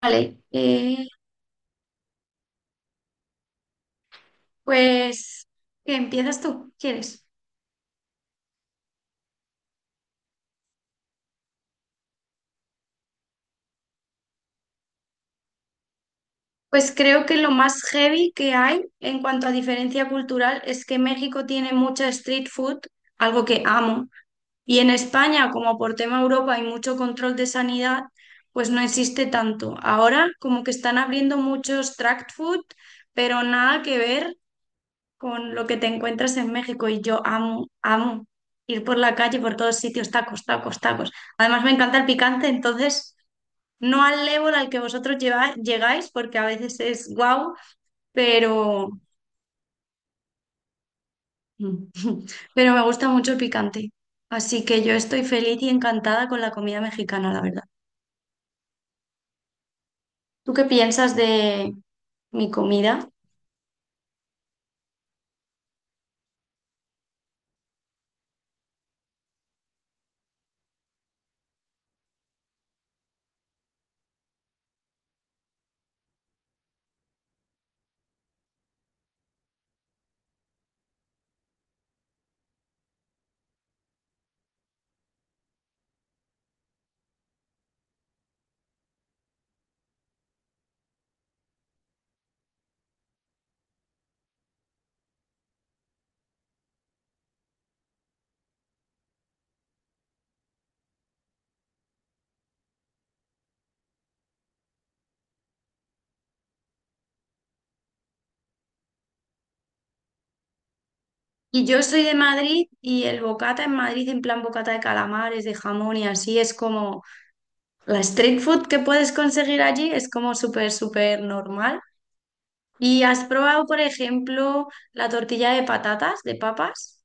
Vale, eh, pues ¿qué empiezas tú? ¿Quieres? Pues creo que lo más heavy que hay en cuanto a diferencia cultural es que México tiene mucha street food, algo que amo, y en España, como por tema Europa hay mucho control de sanidad, pues no existe tanto. Ahora como que están abriendo muchos tract food, pero nada que ver con lo que te encuentras en México y yo amo, amo ir por la calle, por todos sitios, tacos, tacos, tacos. Además me encanta el picante, entonces no al level al que vosotros llegáis, porque a veces es guau, pero, pero me gusta mucho el picante. Así que yo estoy feliz y encantada con la comida mexicana, la verdad. ¿Tú qué piensas de mi comida? Y yo soy de Madrid y el bocata en Madrid, en plan bocata de calamares, de jamón y así, es como la street food que puedes conseguir allí, es como súper, súper normal. ¿Y has probado, por ejemplo, la tortilla de patatas, de papas?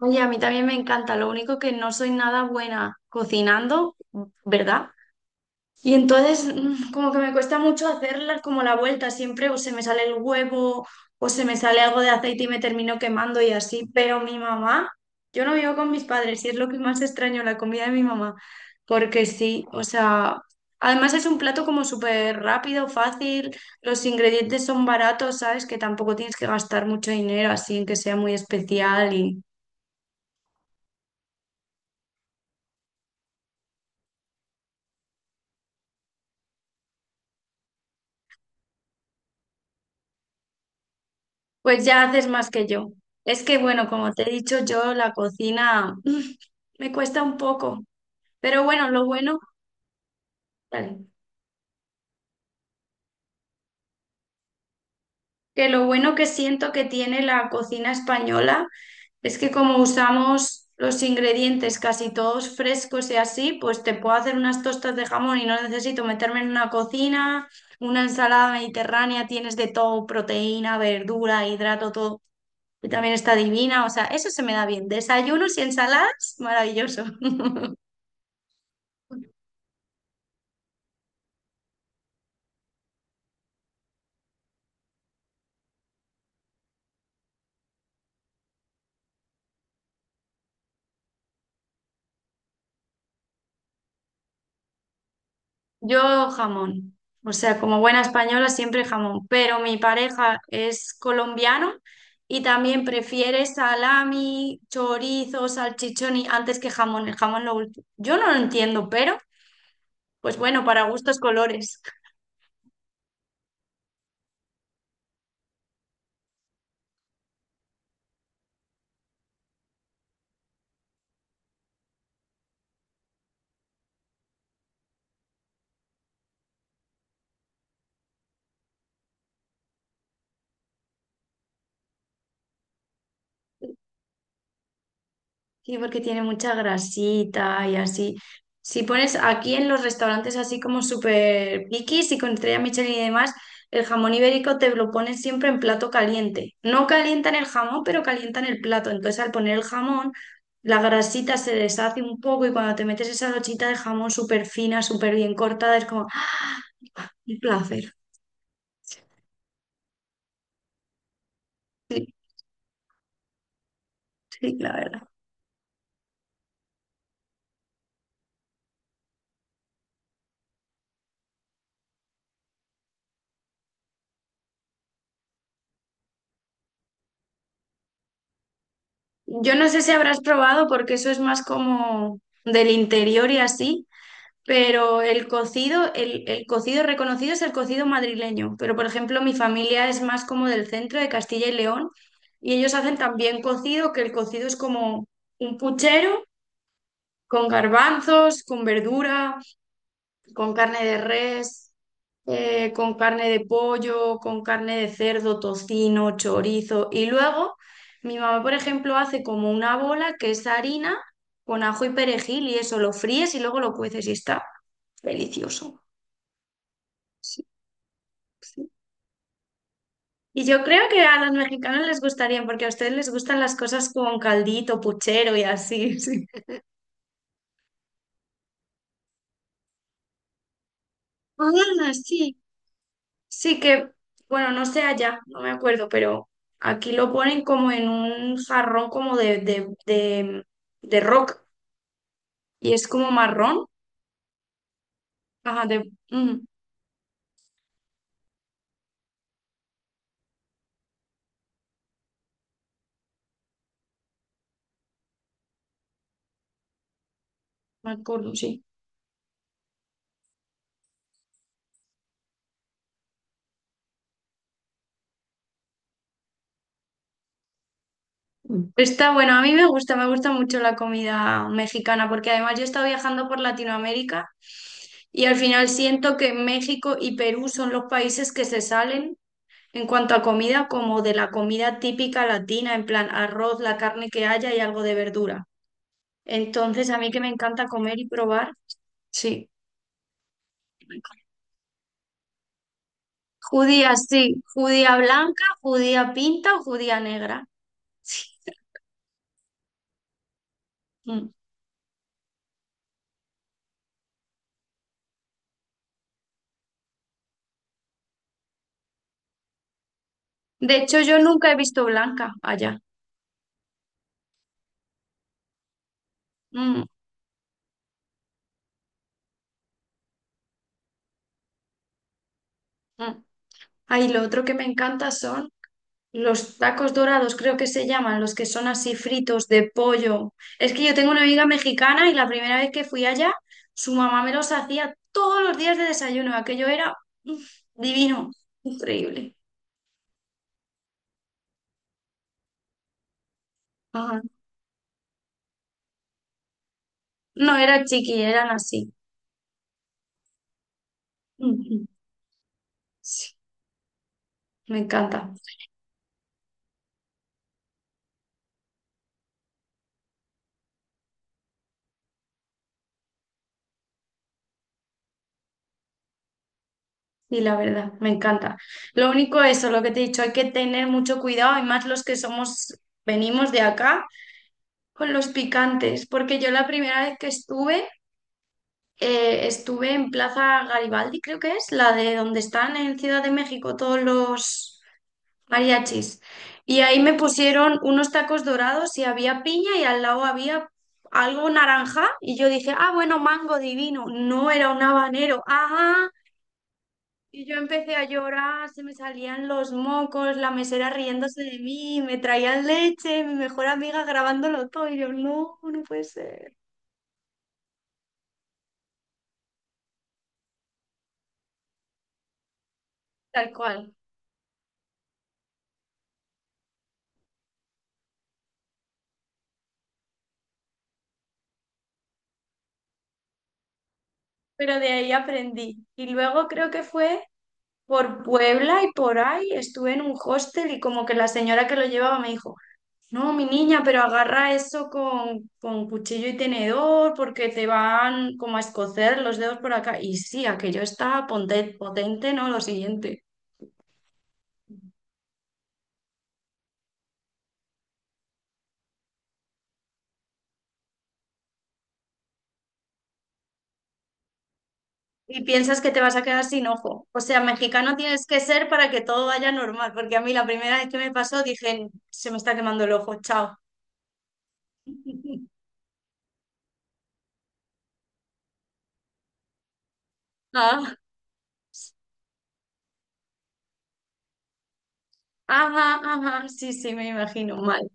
Oye, a mí también me encanta, lo único que no soy nada buena cocinando, ¿verdad? Y entonces como que me cuesta mucho hacerla como la vuelta, siempre o se me sale el huevo o se me sale algo de aceite y me termino quemando y así, pero mi mamá, yo no vivo con mis padres y es lo que más extraño, la comida de mi mamá, porque sí, o sea, además es un plato como súper rápido, fácil, los ingredientes son baratos, ¿sabes? Que tampoco tienes que gastar mucho dinero así en que sea muy especial y... Pues ya haces más que yo. Es que, bueno, como te he dicho, yo la cocina me cuesta un poco. Pero bueno, lo bueno, vale, que lo bueno que siento que tiene la cocina española es que como usamos los ingredientes casi todos frescos y así, pues te puedo hacer unas tostas de jamón y no necesito meterme en una cocina, una ensalada mediterránea, tienes de todo, proteína, verdura, hidrato, todo. Y también está divina, o sea, eso se me da bien. Desayunos y ensaladas, maravilloso. Yo jamón, o sea, como buena española siempre jamón, pero mi pareja es colombiano y también prefiere salami, chorizo, salchichón antes que jamón, el jamón lo último. Yo no lo entiendo, pero pues bueno, para gustos colores. Sí, porque tiene mucha grasita y así. Si pones aquí en los restaurantes así como súper piquis y con estrella Michelin y demás, el jamón ibérico te lo ponen siempre en plato caliente. No calientan el jamón, pero calientan el plato. Entonces al poner el jamón, la grasita se deshace un poco y cuando te metes esa lochita de jamón súper fina, súper bien cortada, es como ¡ah! Un placer. Sí, sí, la verdad. Yo no sé si habrás probado porque eso es más como del interior y así. Pero el cocido, el cocido reconocido es el cocido madrileño. Pero, por ejemplo, mi familia es más como del centro de Castilla y León y ellos hacen también cocido, que el cocido es como un puchero con garbanzos, con verdura, con carne de res, con carne de pollo, con carne de cerdo, tocino, chorizo. Y luego mi mamá, por ejemplo, hace como una bola que es harina con ajo y perejil y eso lo fríes y luego lo cueces y está delicioso. Sí. Y yo creo que a los mexicanos les gustaría, porque a ustedes les gustan las cosas con caldito, puchero y así. Sí. Ah, sí. Sí que, bueno, no sé allá, no me acuerdo, pero aquí lo ponen como en un jarrón como de rock y es como marrón. Ajá, de... me acuerdo, sí. Está bueno, a mí me gusta mucho la comida mexicana porque además yo he estado viajando por Latinoamérica y al final siento que México y Perú son los países que se salen en cuanto a comida como de la comida típica latina, en plan arroz, la carne que haya y algo de verdura. Entonces a mí que me encanta comer y probar, sí. Judía, sí, judía blanca, judía pinta o judía negra. Sí. Mm. De hecho, yo nunca he visto blanca allá. Mm, mm. Ahí lo otro que me encanta son los tacos dorados, creo que se llaman, los que son así fritos de pollo. Es que yo tengo una amiga mexicana y la primera vez que fui allá, su mamá me los hacía todos los días de desayuno. Aquello era mm, divino, increíble. Ajá. No era chiqui, eran así. Ujú. Sí, me encanta. Y la verdad, me encanta. Lo único eso, lo que te he dicho, hay que tener mucho cuidado, y más los que somos, venimos de acá con los picantes, porque yo la primera vez que estuve estuve en Plaza Garibaldi, creo que es, la de donde están en Ciudad de México todos los mariachis. Y ahí me pusieron unos tacos dorados y había piña y al lado había algo naranja. Y yo dije, ah, bueno, mango divino. No era un habanero. Ajá. Y yo empecé a llorar, se me salían los mocos, la mesera riéndose de mí, me traían leche, mi mejor amiga grabándolo todo. Y yo, no, no puede ser. Tal cual. Pero de ahí aprendí. Y luego creo que fue por Puebla y por ahí estuve en un hostel y como que la señora que lo llevaba me dijo, no, mi niña, pero agarra eso con cuchillo y tenedor porque te van como a escocer los dedos por acá. Y sí, aquello está potente, ¿no? Lo siguiente. Y piensas que te vas a quedar sin ojo. O sea, mexicano tienes que ser para que todo vaya normal, porque a mí la primera vez que me pasó dije, se me está quemando el ojo, chao. Ah, ajá, ajá, sí, sí, me imagino mal.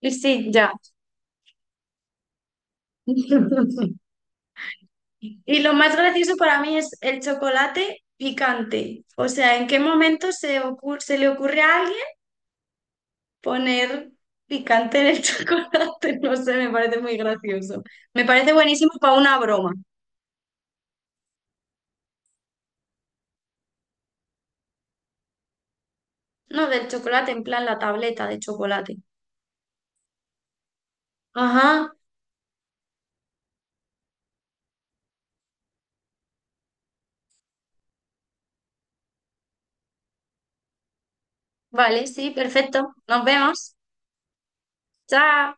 Y sí, ya. Y lo más gracioso para mí es el chocolate picante. O sea, ¿en qué momento se le ocurre a alguien poner picante en el chocolate? No sé, me parece muy gracioso. Me parece buenísimo para una broma. No, del chocolate, en plan la tableta de chocolate. Ajá, vale, sí, perfecto. Nos vemos. Chao.